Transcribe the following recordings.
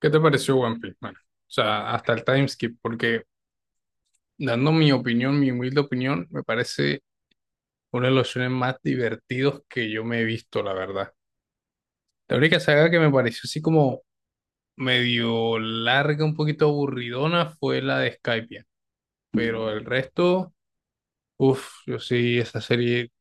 ¿Qué te pareció One Piece? Bueno, o sea, hasta el timeskip, porque dando mi opinión, mi humilde opinión, me parece uno de los shonen más divertidos que yo me he visto, la verdad. La única saga que me pareció así como medio larga, un poquito aburridona, fue la de Skypiea. Pero el resto, uff, yo sí, esa serie.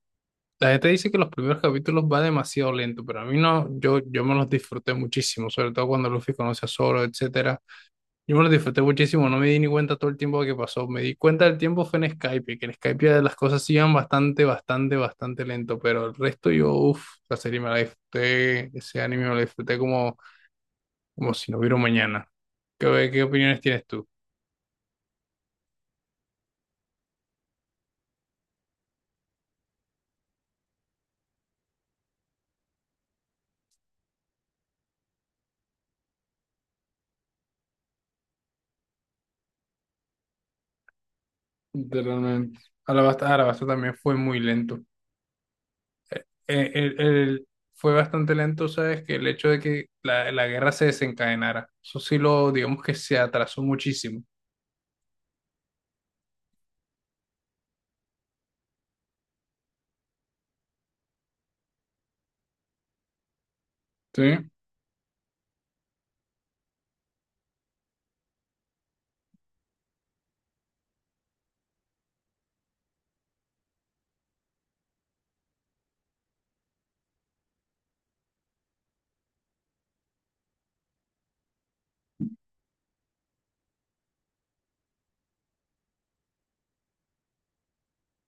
La gente dice que los primeros capítulos va demasiado lento, pero a mí no, yo me los disfruté muchísimo, sobre todo cuando Luffy conoce a Zoro, etcétera. Yo me lo disfruté muchísimo, no me di ni cuenta todo el tiempo que pasó. Me di cuenta del tiempo fue en Skype, que en Skype las cosas iban bastante, bastante, bastante lento, pero el resto yo, uff, la serie me la disfruté, ese anime me lo disfruté como, como si no hubiera un mañana. ¿Qué opiniones tienes tú? Literalmente. Alabasta, Alabasta también fue muy lento. Eh, el- el- Fue bastante lento, ¿sabes? Que el hecho de que la guerra se desencadenara, eso sí lo, digamos que se atrasó muchísimo. ¿Sí?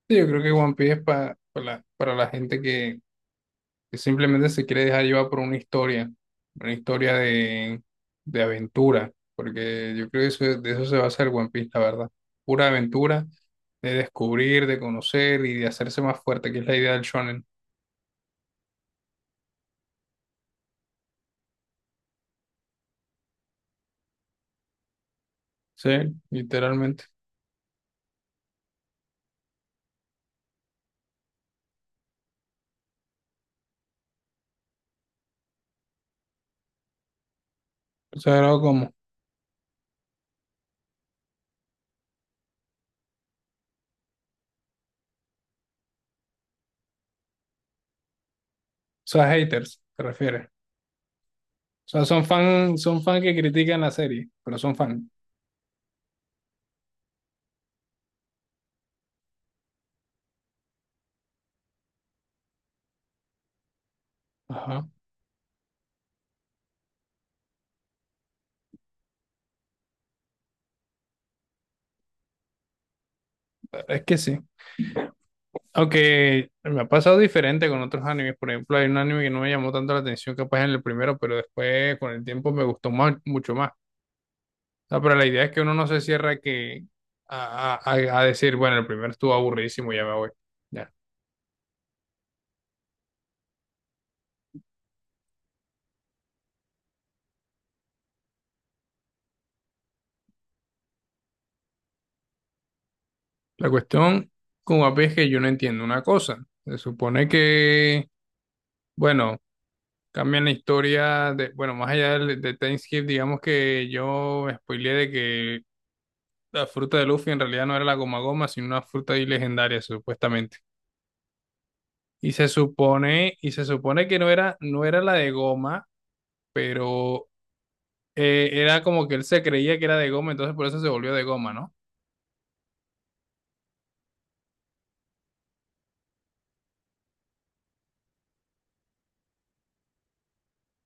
Sí, yo creo que One Piece es pa- pa la- para la gente que simplemente se quiere dejar llevar por una historia de aventura, porque yo creo que eso, de eso se va a hacer One Piece, la verdad. Pura aventura de descubrir, de conocer y de hacerse más fuerte, que es la idea del shonen. Sí, literalmente. O sea, algo como, o sea, haters, te refieres. O sea, son fan que critican la serie, pero son fan. Ajá. Es que sí. Aunque me ha pasado diferente con otros animes. Por ejemplo, hay un anime que no me llamó tanto la atención, capaz en el primero, pero después con el tiempo me gustó más, mucho más. O sea, pero la idea es que uno no se cierra que a decir, bueno, el primero estuvo aburridísimo, ya me voy. Ya. La cuestión con One Piece es que yo no entiendo una cosa. Se supone que, bueno, cambian la historia de, bueno, más allá del- de, Time Skip, digamos que yo me spoileé de que la fruta de Luffy en realidad no era la goma goma, sino una fruta ahí legendaria, supuestamente. Y se supone que no era, no era la de goma, pero era como que él se creía que era de goma, entonces por eso se volvió de goma, ¿no?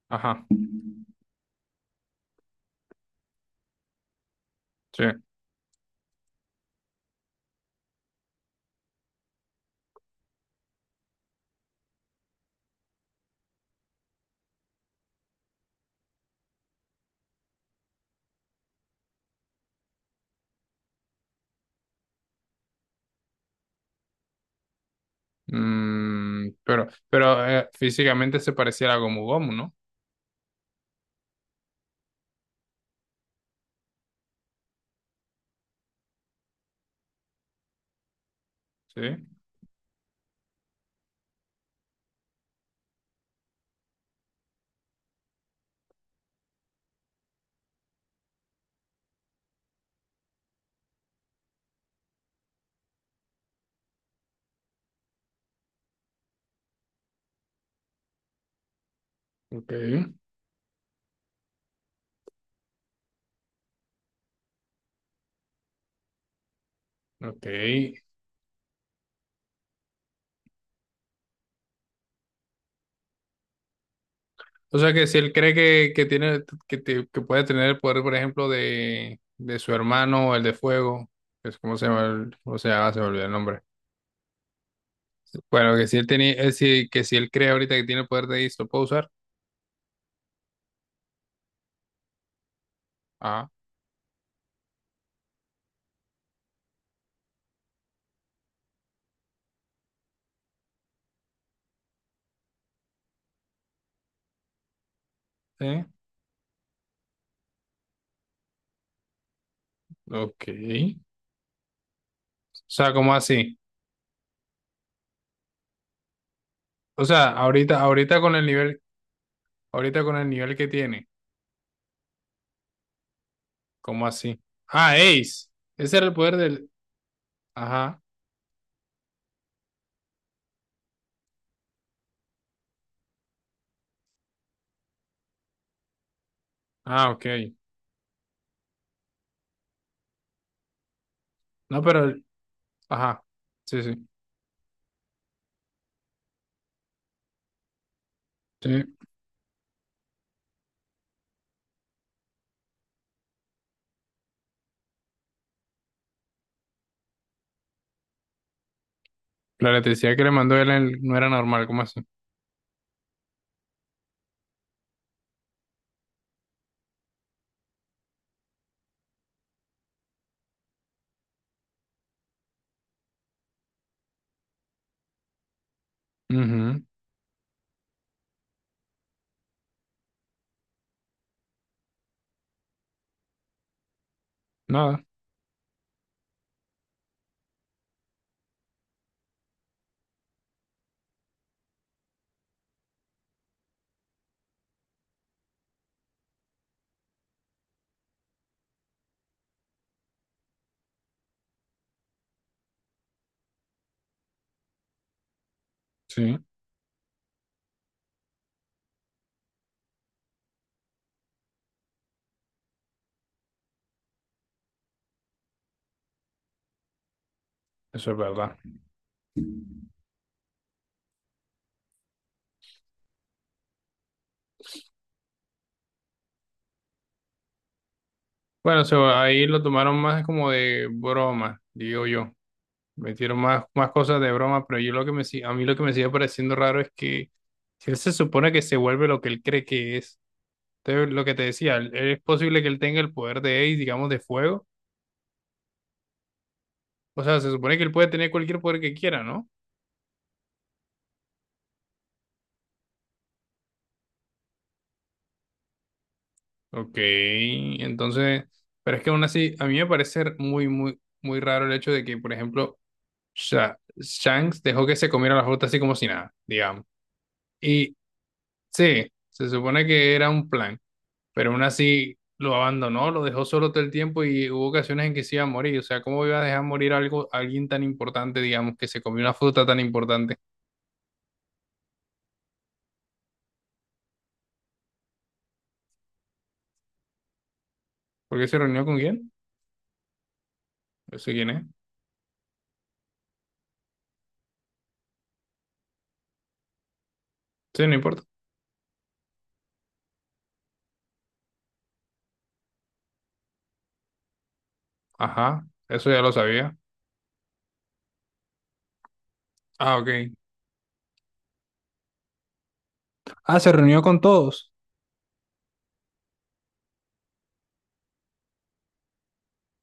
Ajá, sí. Mm, pero físicamente se parecía a la Gomu Gomu, ¿no? Sí. Ok, ok. O sea que si él cree que tiene, que, te- que puede tener el poder, por ejemplo, de su hermano, el de fuego, que es como se llama, el- cómo se llama, se me olvidó el nombre. Bueno, que si él tenía, si- que si él cree ahorita que tiene el poder de Isto, ¿puede usar? Ah, sí. Ok. O sea, ¿cómo así? O sea, ahorita, ahorita con el nivel, ahorita con el nivel que tiene, ¿cómo así? Ah, Ace. Ese era el poder del. Ajá. Ah, ok. No, pero el- ajá. Sí, sí. Sí. La electricidad que le mandó él en- no era normal, ¿cómo así? Ujú. Nada. Sí, eso es verdad. Bueno, eso ahí lo tomaron más como de broma, digo yo. Metieron más, más cosas de broma, pero yo lo que me, si- a mí lo que me sigue pareciendo raro es que si él se supone que se vuelve lo que él cree que es, entonces lo que te decía, él- es posible que él tenga el poder de Ace, digamos, de fuego, o sea, se supone que él puede tener cualquier poder que quiera, ¿no? Ok, entonces, pero es que aún así, a mí me parece muy, muy, muy raro el hecho de que, por ejemplo, Sha- Shanks dejó que se comiera la fruta así como si nada, digamos. Y sí, se supone que era un plan. Pero aún así lo abandonó, lo dejó solo todo el tiempo y hubo ocasiones en que se iba a morir. O sea, ¿cómo iba a dejar morir algo, a alguien tan importante, digamos, que se comió una fruta tan importante? ¿Por qué se reunió con quién? No sé quién es. Sí, no importa. Ajá, eso ya lo sabía. Ah, ok. Ah, se reunió con todos.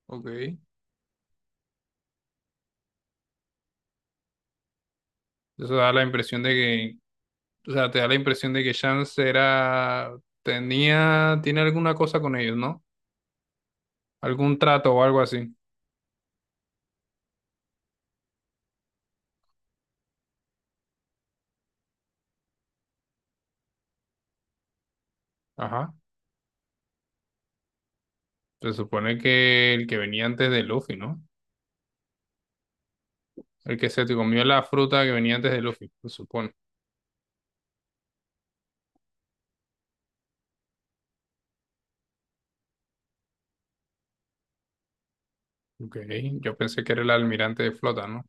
Ok. Eso da la impresión de que, o sea, te da la impresión de que Chance era, tenía, tiene alguna cosa con ellos, ¿no? Algún trato o algo así. Ajá. Se supone que el que venía antes de Luffy, ¿no? El que se te comió la fruta que venía antes de Luffy, se supone. Ok, yo pensé que era el almirante de flota, ¿no?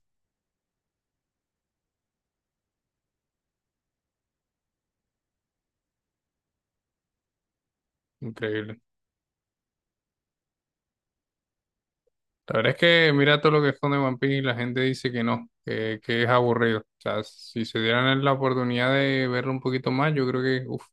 Increíble. La verdad es que mira todo lo que esconde One Piece y la gente dice que no, que es aburrido. O sea, si se dieran la oportunidad de verlo un poquito más, yo creo que, uff,